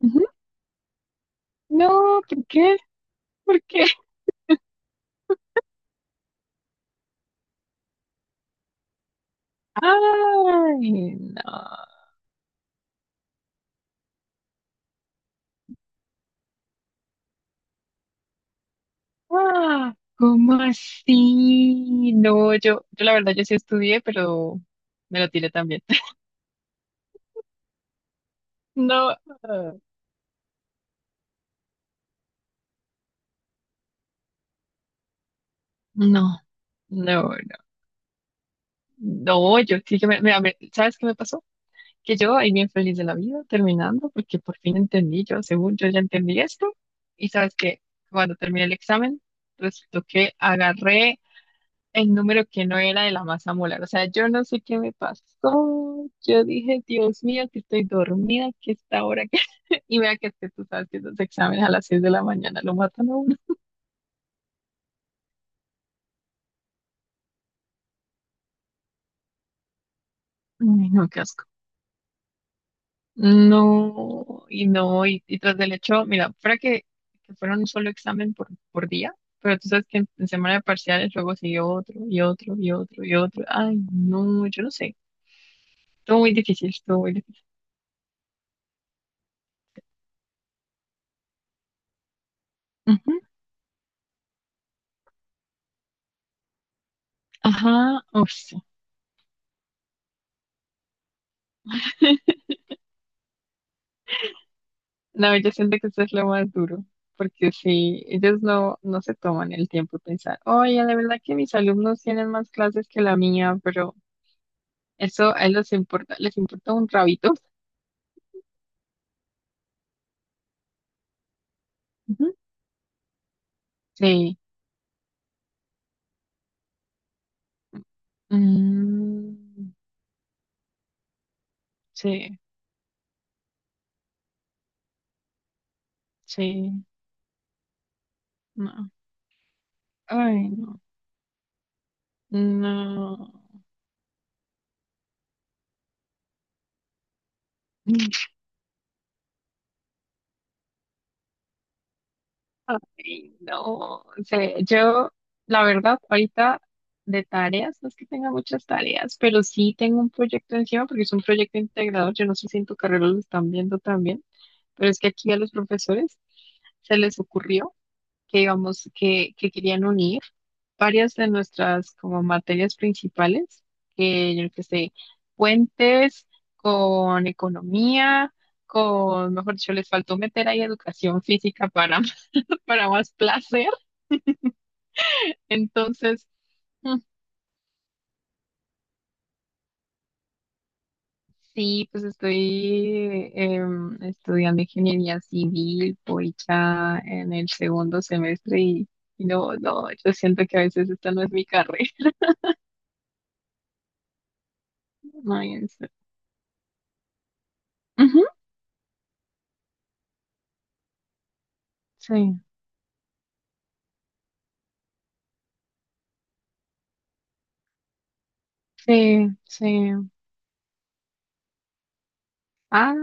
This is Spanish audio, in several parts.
Ujú. No, ¿por qué? ¿Por qué? Ay, no. Ah, ¿cómo así? No, yo la verdad, yo sí estudié, pero me lo tiré también. No, no, no, no. No, yo sí que mira, ¿sabes qué me pasó? Que yo ahí bien feliz de la vida, terminando, porque por fin entendí, yo según yo ya entendí esto, y sabes que cuando terminé el examen, resultó que agarré el número que no era de la masa molar. O sea, yo no sé qué me pasó. Yo dije, Dios mío, que estoy dormida, que esta hora que. Y vea que es que tú sabes que los exámenes a las 6 de la mañana lo matan a uno. Ay, no, qué asco. No, y no, y tras del hecho, mira, fuera que fuera un solo examen por día, pero tú sabes que en semana de parciales luego siguió otro, y otro, y otro, y otro. Ay, no, yo no sé. Todo muy difícil, todo muy difícil. Ujú. Ajá, oh, sí. No, yo siento que eso es lo más duro, porque si ellos no se toman el tiempo de pensar, oye, de verdad que mis alumnos tienen más clases que la mía, pero eso a ellos les importa un rabito. Ujú. Sí, Mm, sí, sí, no, ay, no, no. Ay, no sé, yo la verdad ahorita de tareas, no es que tenga muchas tareas, pero sí tengo un proyecto encima porque es un proyecto integrador, yo no sé si en tu carrera lo están viendo también, pero es que aquí a los profesores se les ocurrió que querían unir varias de nuestras como materias principales, que yo qué sé, puentes con economía, con, mejor dicho, les faltó meter ahí educación física para más placer. Entonces, mm, sí, pues estoy estudiando ingeniería civil, voy ya en el segundo semestre y no, no, yo siento que a veces esta no es mi carrera. No, y en ujú, sí, sí, sí. Ah,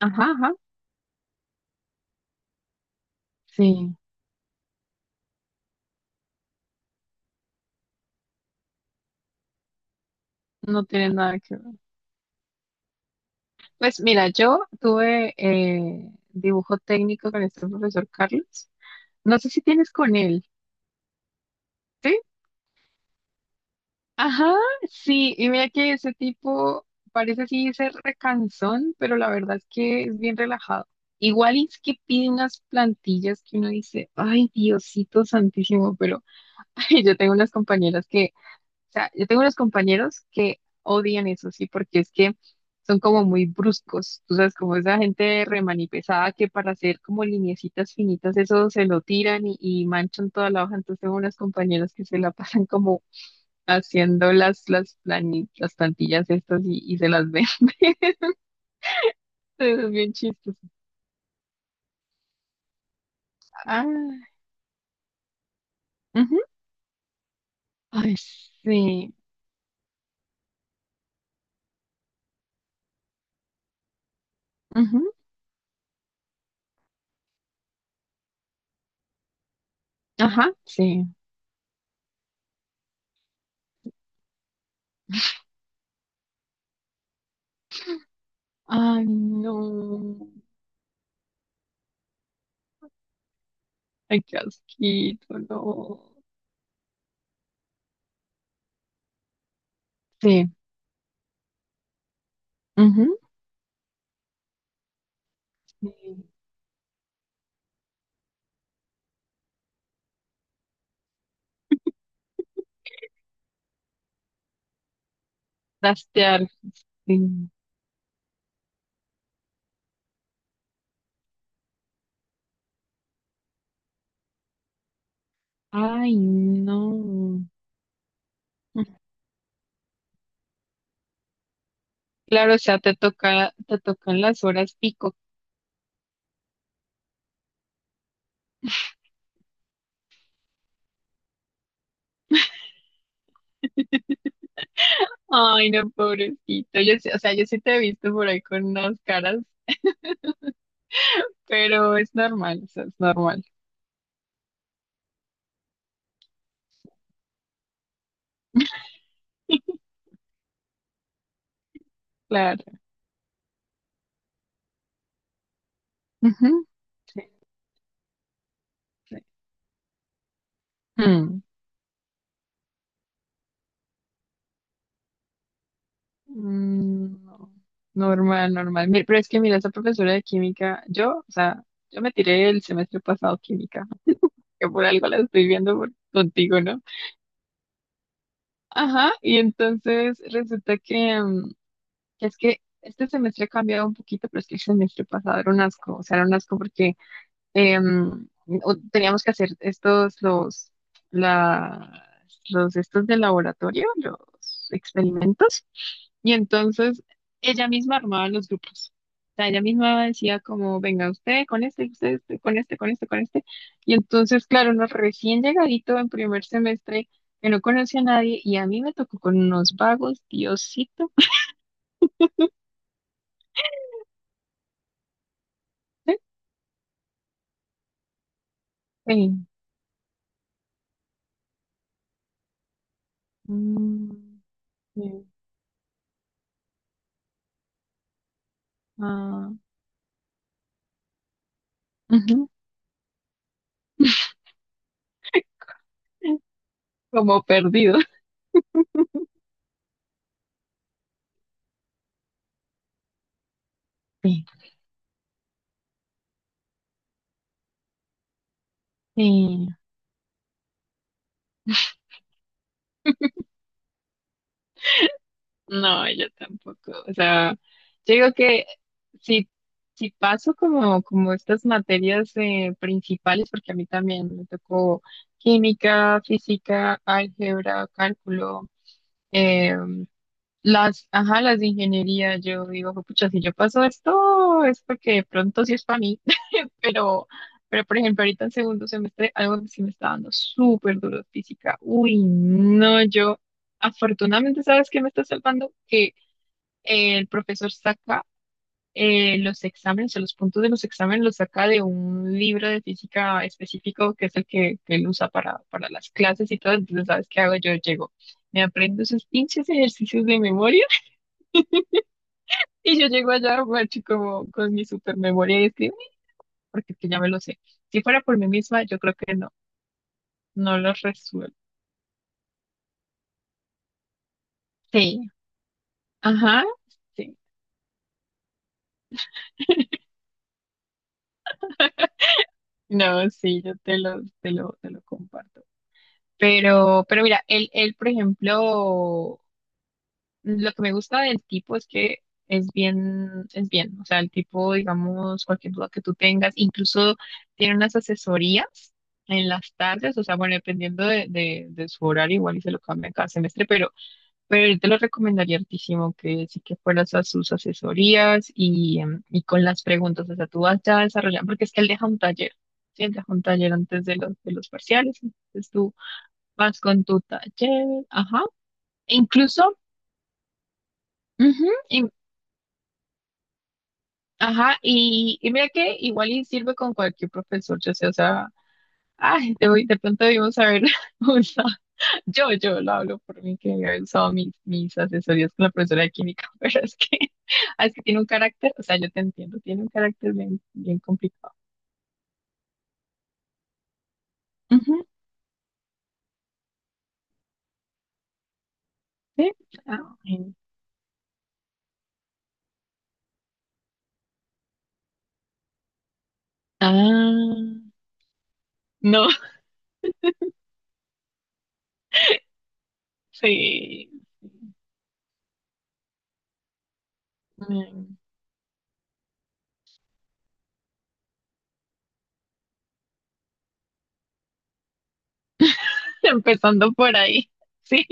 ajá, ajá, sí, no tiene nada que ver. Pues mira, yo tuve dibujo técnico con este profesor Carlos. No sé si tienes con él. ¿Sí? Ajá, sí, y mira que ese tipo parece así ser recansón, pero la verdad es que es bien relajado. Igual es que pide unas plantillas que uno dice, ay, Diosito santísimo, pero ay, yo tengo unas compañeras que, o sea, yo tengo unos compañeros que odian eso, sí, porque es que son como muy bruscos, tú sabes, como esa gente remanipesada que para hacer como lineecitas finitas, eso se lo tiran y manchan toda la hoja, entonces tengo unas compañeras que se la pasan como haciendo las plantillas estas y se las vende. Es bien chistoso. Ah, ujú. Ay, sí. Ujú. Ajá, sí. Ay, no. Ay, qué asquito, no. Sí. Ujú. Sí. Trastear, sí. Ay, no. Claro, o sea, te tocan las horas pico. Ay, no, pobrecito. Yo sí, o sea, yo sí te he visto por ahí con unas caras. Pero es normal, o sea, es normal, claro. Ujú. Sí, sí. Mm. Mm, no. Normal, normal. Pero es que mira, esa profesora de química, yo, o sea, yo me tiré el semestre pasado química, que por algo la estoy viendo contigo, ¿no? Ajá, y entonces resulta que es que este semestre ha cambiado un poquito, pero es que el semestre pasado era un asco, o sea, era un asco porque em, o teníamos que hacer la, los estos de laboratorio, los experimentos, y entonces ella misma armaba los grupos. O sea, ella misma decía como, venga usted con este, usted este, con este, con este, con este. Y entonces, claro, uno recién llegadito en primer semestre, que no conocía a nadie, y a mí me tocó con unos vagos, Diosito. eh, mm, eh, ah, ujú, como perdido. Sí, no, yo tampoco. O sea, yo digo que si, si paso como estas materias principales, porque a mí también me tocó química, física, álgebra, cálculo, eh, ajá, las de ingeniería, yo digo, pucha, si yo paso esto, es porque de pronto sí es para mí. Pero, pero por ejemplo, ahorita en segundo semestre, algo que sí me está dando súper duro es física. Uy, no, yo, afortunadamente, ¿sabes qué me está salvando? Que el profesor saca los exámenes, o los puntos de los exámenes los saca de un libro de física específico, que es el que él usa para las clases y todo. Entonces, ¿sabes qué hago? Yo llego, me aprendo esos pinches ejercicios de memoria y yo llego allá, macho, como con mi super memoria y escribo, porque es que ya me lo sé. Si fuera por mí misma, yo creo que no los resuelve. Sí, ajá, sí. No, sí, yo te lo comparto. Pero mira, él, por ejemplo, lo que me gusta del tipo es que es bien, es bien. O sea, el tipo, digamos, cualquier duda que tú tengas, incluso tiene unas asesorías en las tardes, o sea, bueno, dependiendo de su horario, igual y se lo cambia cada semestre, pero te lo recomendaría hartísimo que sí que fueras a sus asesorías y con las preguntas, o sea, tú vas ya desarrollando, porque es que él deja un taller, ¿sí? Él deja un taller antes de los parciales, entonces tú vas con tu taller, ajá, e incluso, ujú, ajá, y mira que igual y sirve con cualquier profesor, yo sé, o sea, ay, de pronto debimos haber usado. Yo lo hablo por mí, que he usado mis asesorías con la profesora de química, pero es que, es que tiene un carácter, o sea, yo te entiendo, tiene un carácter bien, bien complicado. Ujú, sí. Ah, bueno. Ah, no, sí. Mm, empezando por ahí, sí.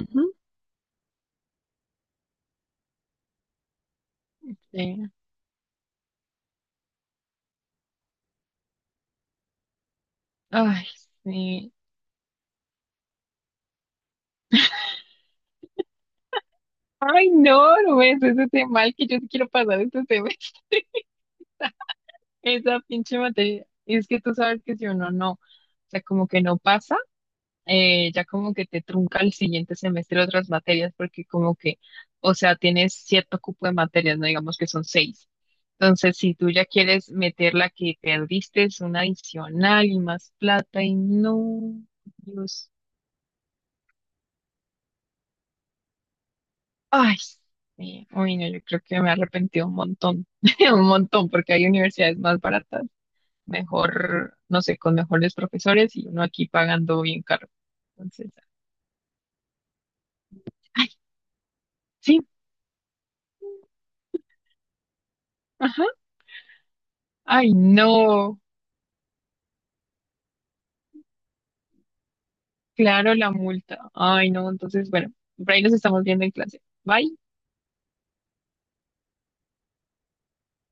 Ujú, sí. Ay, sí. Ay, no, no ves ese tema mal que yo te quiero pasar este tema. Esa pinche materia. Es que tú sabes que si uno no, o sea, como que no pasa. Ya como que te trunca el siguiente semestre otras materias porque como que, o sea, tienes cierto cupo de materias, no digamos que son seis. Entonces, si tú ya quieres meter la que perdiste, es una adicional y más plata y no, Dios, ay, sí, uy, no, yo creo que me arrepentí un montón, un montón, porque hay universidades más baratas, mejor, no sé, con mejores profesores y uno aquí pagando bien caro. Entonces, ay, sí, ajá, ay, no. Claro, la multa. Ay, no, entonces, bueno, por ahí nos estamos viendo en clase. Bye.